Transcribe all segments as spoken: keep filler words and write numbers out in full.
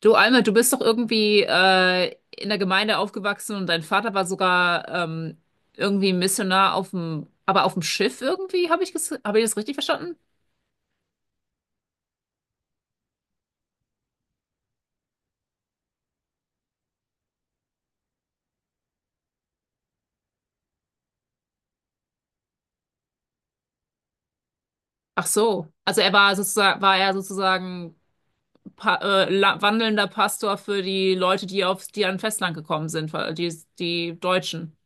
Du, Alma, du bist doch irgendwie äh, in der Gemeinde aufgewachsen und dein Vater war sogar ähm, irgendwie Missionar auf dem, aber auf dem Schiff irgendwie, habe ich, ges- hab ich das richtig verstanden? Ach so, also er war sozusagen, war er sozusagen pa äh, la- wandelnder Pastor für die Leute, die auf, die an Festland gekommen sind, weil die, die Deutschen.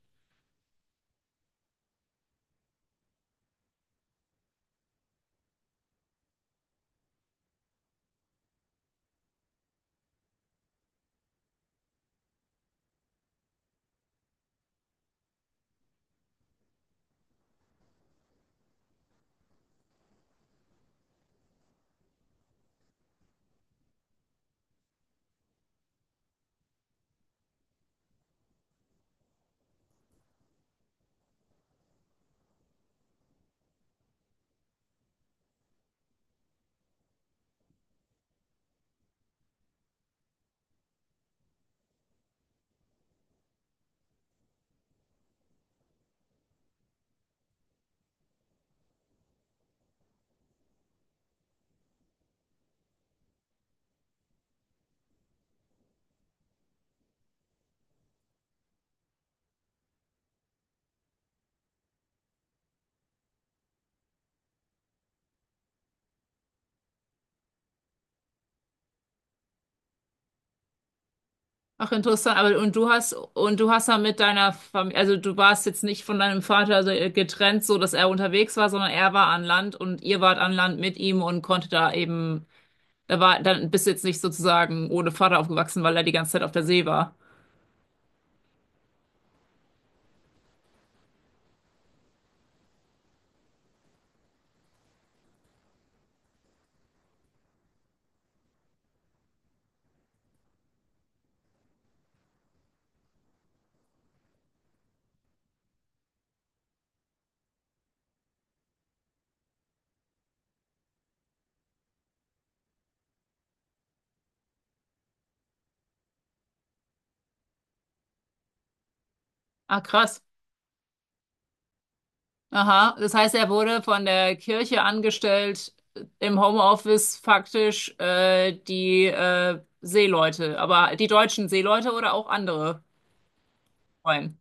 Ach, interessant. Aber und du hast und du hast dann mit deiner Familie, also du warst jetzt nicht von deinem Vater so getrennt, so dass er unterwegs war, sondern er war an Land und ihr wart an Land mit ihm und konnte da eben, da war, dann bist du jetzt nicht sozusagen ohne Vater aufgewachsen, weil er die ganze Zeit auf der See war. Ah, krass. Aha. Das heißt, er wurde von der Kirche angestellt, im Homeoffice faktisch äh, die äh, Seeleute, aber die deutschen Seeleute oder auch andere Freunde.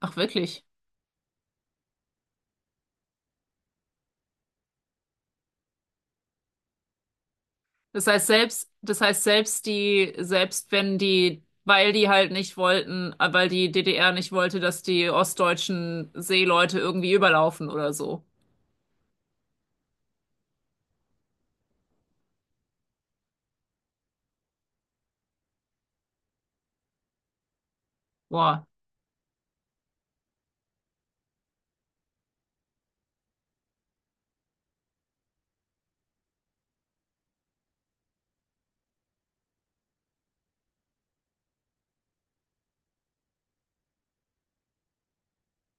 Ach, wirklich? Das heißt selbst, das heißt selbst die, selbst wenn die, weil die halt nicht wollten, äh, weil die D D R nicht wollte, dass die ostdeutschen Seeleute irgendwie überlaufen oder so. Wow,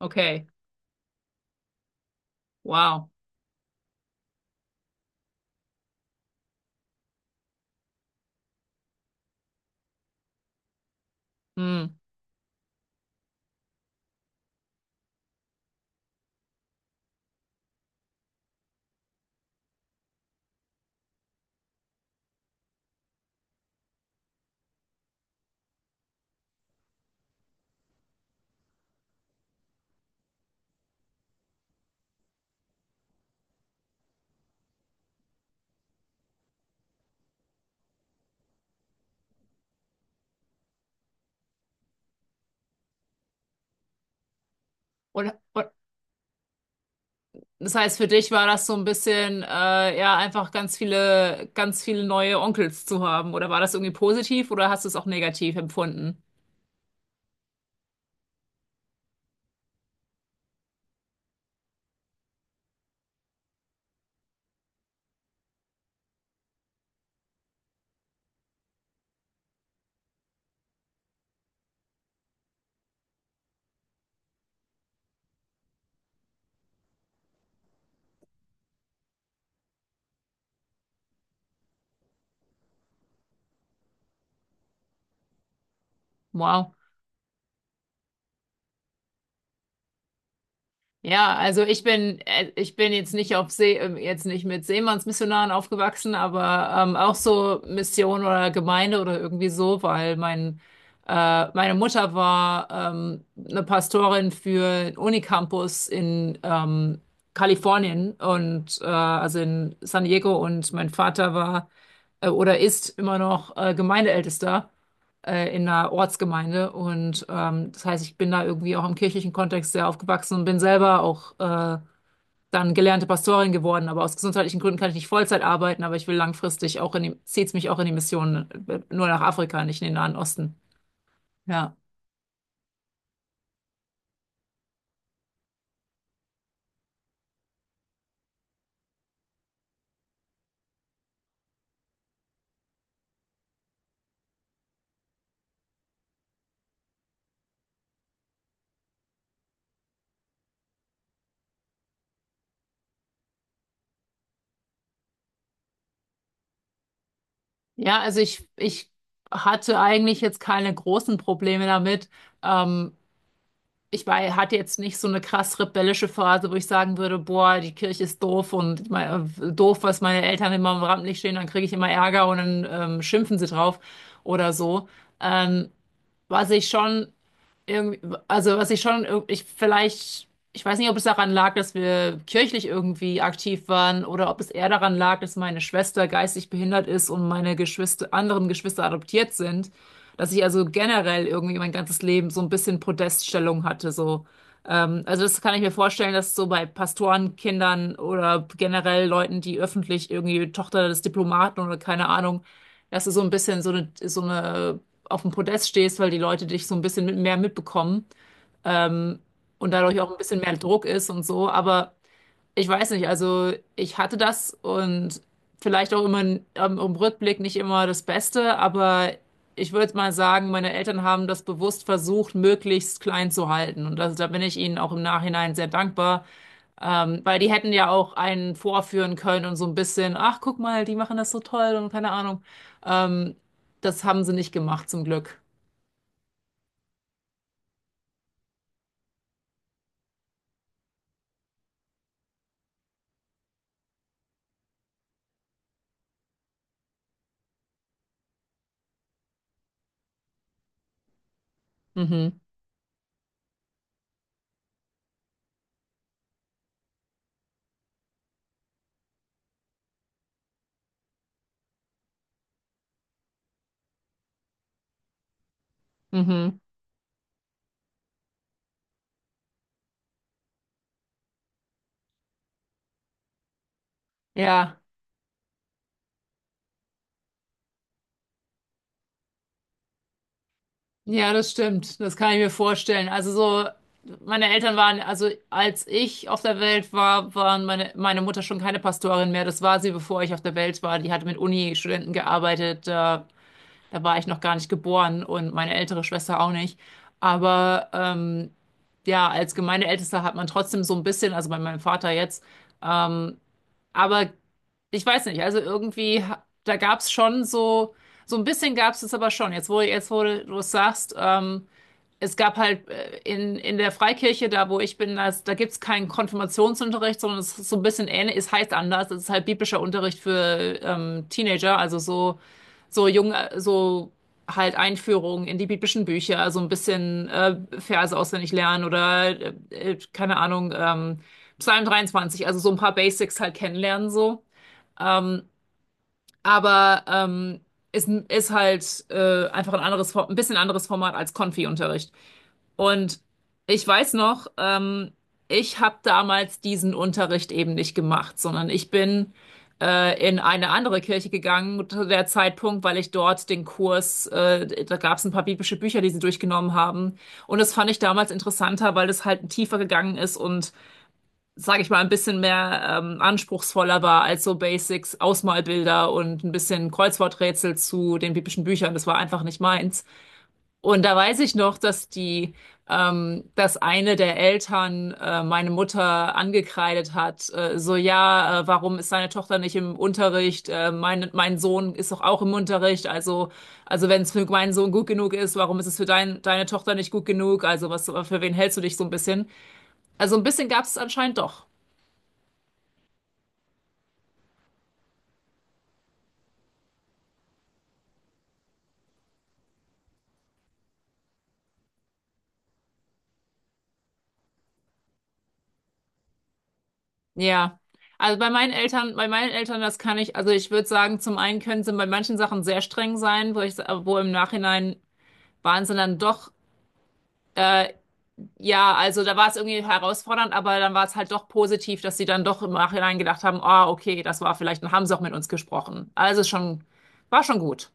okay, wow. Hm. Und, und das heißt, für dich war das so ein bisschen, äh, ja, einfach ganz viele, ganz viele neue Onkels zu haben. Oder war das irgendwie positiv oder hast du es auch negativ empfunden? Wow. Ja, also ich bin, äh, ich bin jetzt nicht auf See, ähm, jetzt nicht mit Seemannsmissionaren aufgewachsen, aber ähm, auch so Mission oder Gemeinde oder irgendwie so, weil mein, äh, meine Mutter war ähm, eine Pastorin für einen Unicampus in ähm, Kalifornien und äh, also in San Diego und mein Vater war äh, oder ist immer noch äh, Gemeindeältester äh, in einer Ortsgemeinde. Und ähm, das heißt, ich bin da irgendwie auch im kirchlichen Kontext sehr aufgewachsen und bin selber auch äh, dann gelernte Pastorin geworden. Aber aus gesundheitlichen Gründen kann ich nicht Vollzeit arbeiten, aber ich will langfristig auch in die, zieht's mich auch in die Mission, äh, nur nach Afrika, nicht in den Nahen Osten. Ja. Ja, also ich, ich hatte eigentlich jetzt keine großen Probleme damit. Ähm, ich war, hatte jetzt nicht so eine krass rebellische Phase, wo ich sagen würde, boah, die Kirche ist doof und mein, doof, was meine Eltern immer im Rampenlicht stehen, dann kriege ich immer Ärger und dann ähm, schimpfen sie drauf oder so. Ähm, was ich schon irgendwie, also was ich schon, irg- ich vielleicht, ich weiß nicht, ob es daran lag, dass wir kirchlich irgendwie aktiv waren oder ob es eher daran lag, dass meine Schwester geistig behindert ist und meine Geschwister, anderen Geschwister adoptiert sind, dass ich also generell irgendwie mein ganzes Leben so ein bisschen Podeststellung hatte, so. Ähm, also das kann ich mir vorstellen, dass so bei Pastorenkindern oder generell Leuten, die öffentlich irgendwie Tochter des Diplomaten oder keine Ahnung, dass du so ein bisschen so eine, so eine auf dem Podest stehst, weil die Leute dich so ein bisschen mit mehr mitbekommen ähm, und dadurch auch ein bisschen mehr Druck ist und so. Aber ich weiß nicht, also ich hatte das und vielleicht auch immer ähm, im Rückblick nicht immer das Beste, aber ich würde mal sagen, meine Eltern haben das bewusst versucht, möglichst klein zu halten. Und das, da bin ich ihnen auch im Nachhinein sehr dankbar, ähm, weil die hätten ja auch einen vorführen können und so ein bisschen, ach, guck mal, die machen das so toll und keine Ahnung. Ähm, das haben sie nicht gemacht, zum Glück. Mhm. Mhm. Ja, ja, das stimmt. Das kann ich mir vorstellen. Also so, meine Eltern waren, also als ich auf der Welt war, waren meine, meine Mutter schon keine Pastorin mehr. Das war sie, bevor ich auf der Welt war. Die hatte mit Uni-Studenten gearbeitet. Da, da war ich noch gar nicht geboren und meine ältere Schwester auch nicht. Aber ähm, ja, als Gemeindeältester hat man trotzdem so ein bisschen, also bei meinem Vater jetzt, ähm, aber ich weiß nicht, also irgendwie, ha- da gab es schon so, so ein bisschen gab es es aber schon. Jetzt, wo, jetzt, wo du es sagst, ähm, es gab halt äh, in, in der Freikirche, da wo ich bin, da, da gibt es keinen Konfirmationsunterricht, sondern es ist so ein bisschen ähnlich, es heißt anders, es ist halt biblischer Unterricht für ähm, Teenager, also so, so jung, äh, so halt Einführung in die biblischen Bücher, also ein bisschen äh, Verse auswendig lernen oder äh, äh, keine Ahnung, ähm, Psalm dreiundzwanzig. Also so ein paar Basics halt kennenlernen so. Ähm, aber ähm, ist, ist halt äh, einfach ein anderes, Fo- ein bisschen anderes Format als Konfi-Unterricht. Und ich weiß noch, ähm, ich habe damals diesen Unterricht eben nicht gemacht, sondern ich bin äh, in eine andere Kirche gegangen zu der Zeitpunkt, weil ich dort den Kurs, äh, da gab es ein paar biblische Bücher, die sie durchgenommen haben. Und das fand ich damals interessanter, weil es halt tiefer gegangen ist und sage ich mal, ein bisschen mehr ähm, anspruchsvoller war als so Basics, Ausmalbilder und ein bisschen Kreuzworträtsel zu den biblischen Büchern. Das war einfach nicht meins. Und da weiß ich noch, dass die, ähm, dass eine der Eltern äh, meine Mutter angekreidet hat, äh, so ja, äh, warum ist seine Tochter nicht im Unterricht? Äh, mein, mein Sohn ist doch auch im Unterricht. Also, also wenn es für meinen Sohn gut genug ist, warum ist es für dein, deine Tochter nicht gut genug? Also was, für wen hältst du dich so ein bisschen? Also ein bisschen gab es anscheinend doch. Ja, also bei meinen Eltern, bei meinen Eltern, das kann ich, also ich würde sagen, zum einen können sie bei manchen Sachen sehr streng sein, wo ich, wo im Nachhinein waren sie dann doch, äh, ja, also da war es irgendwie herausfordernd, aber dann war es halt doch positiv, dass sie dann doch im Nachhinein gedacht haben, ah, okay, das war vielleicht, dann haben sie auch mit uns gesprochen. Also schon, war schon gut.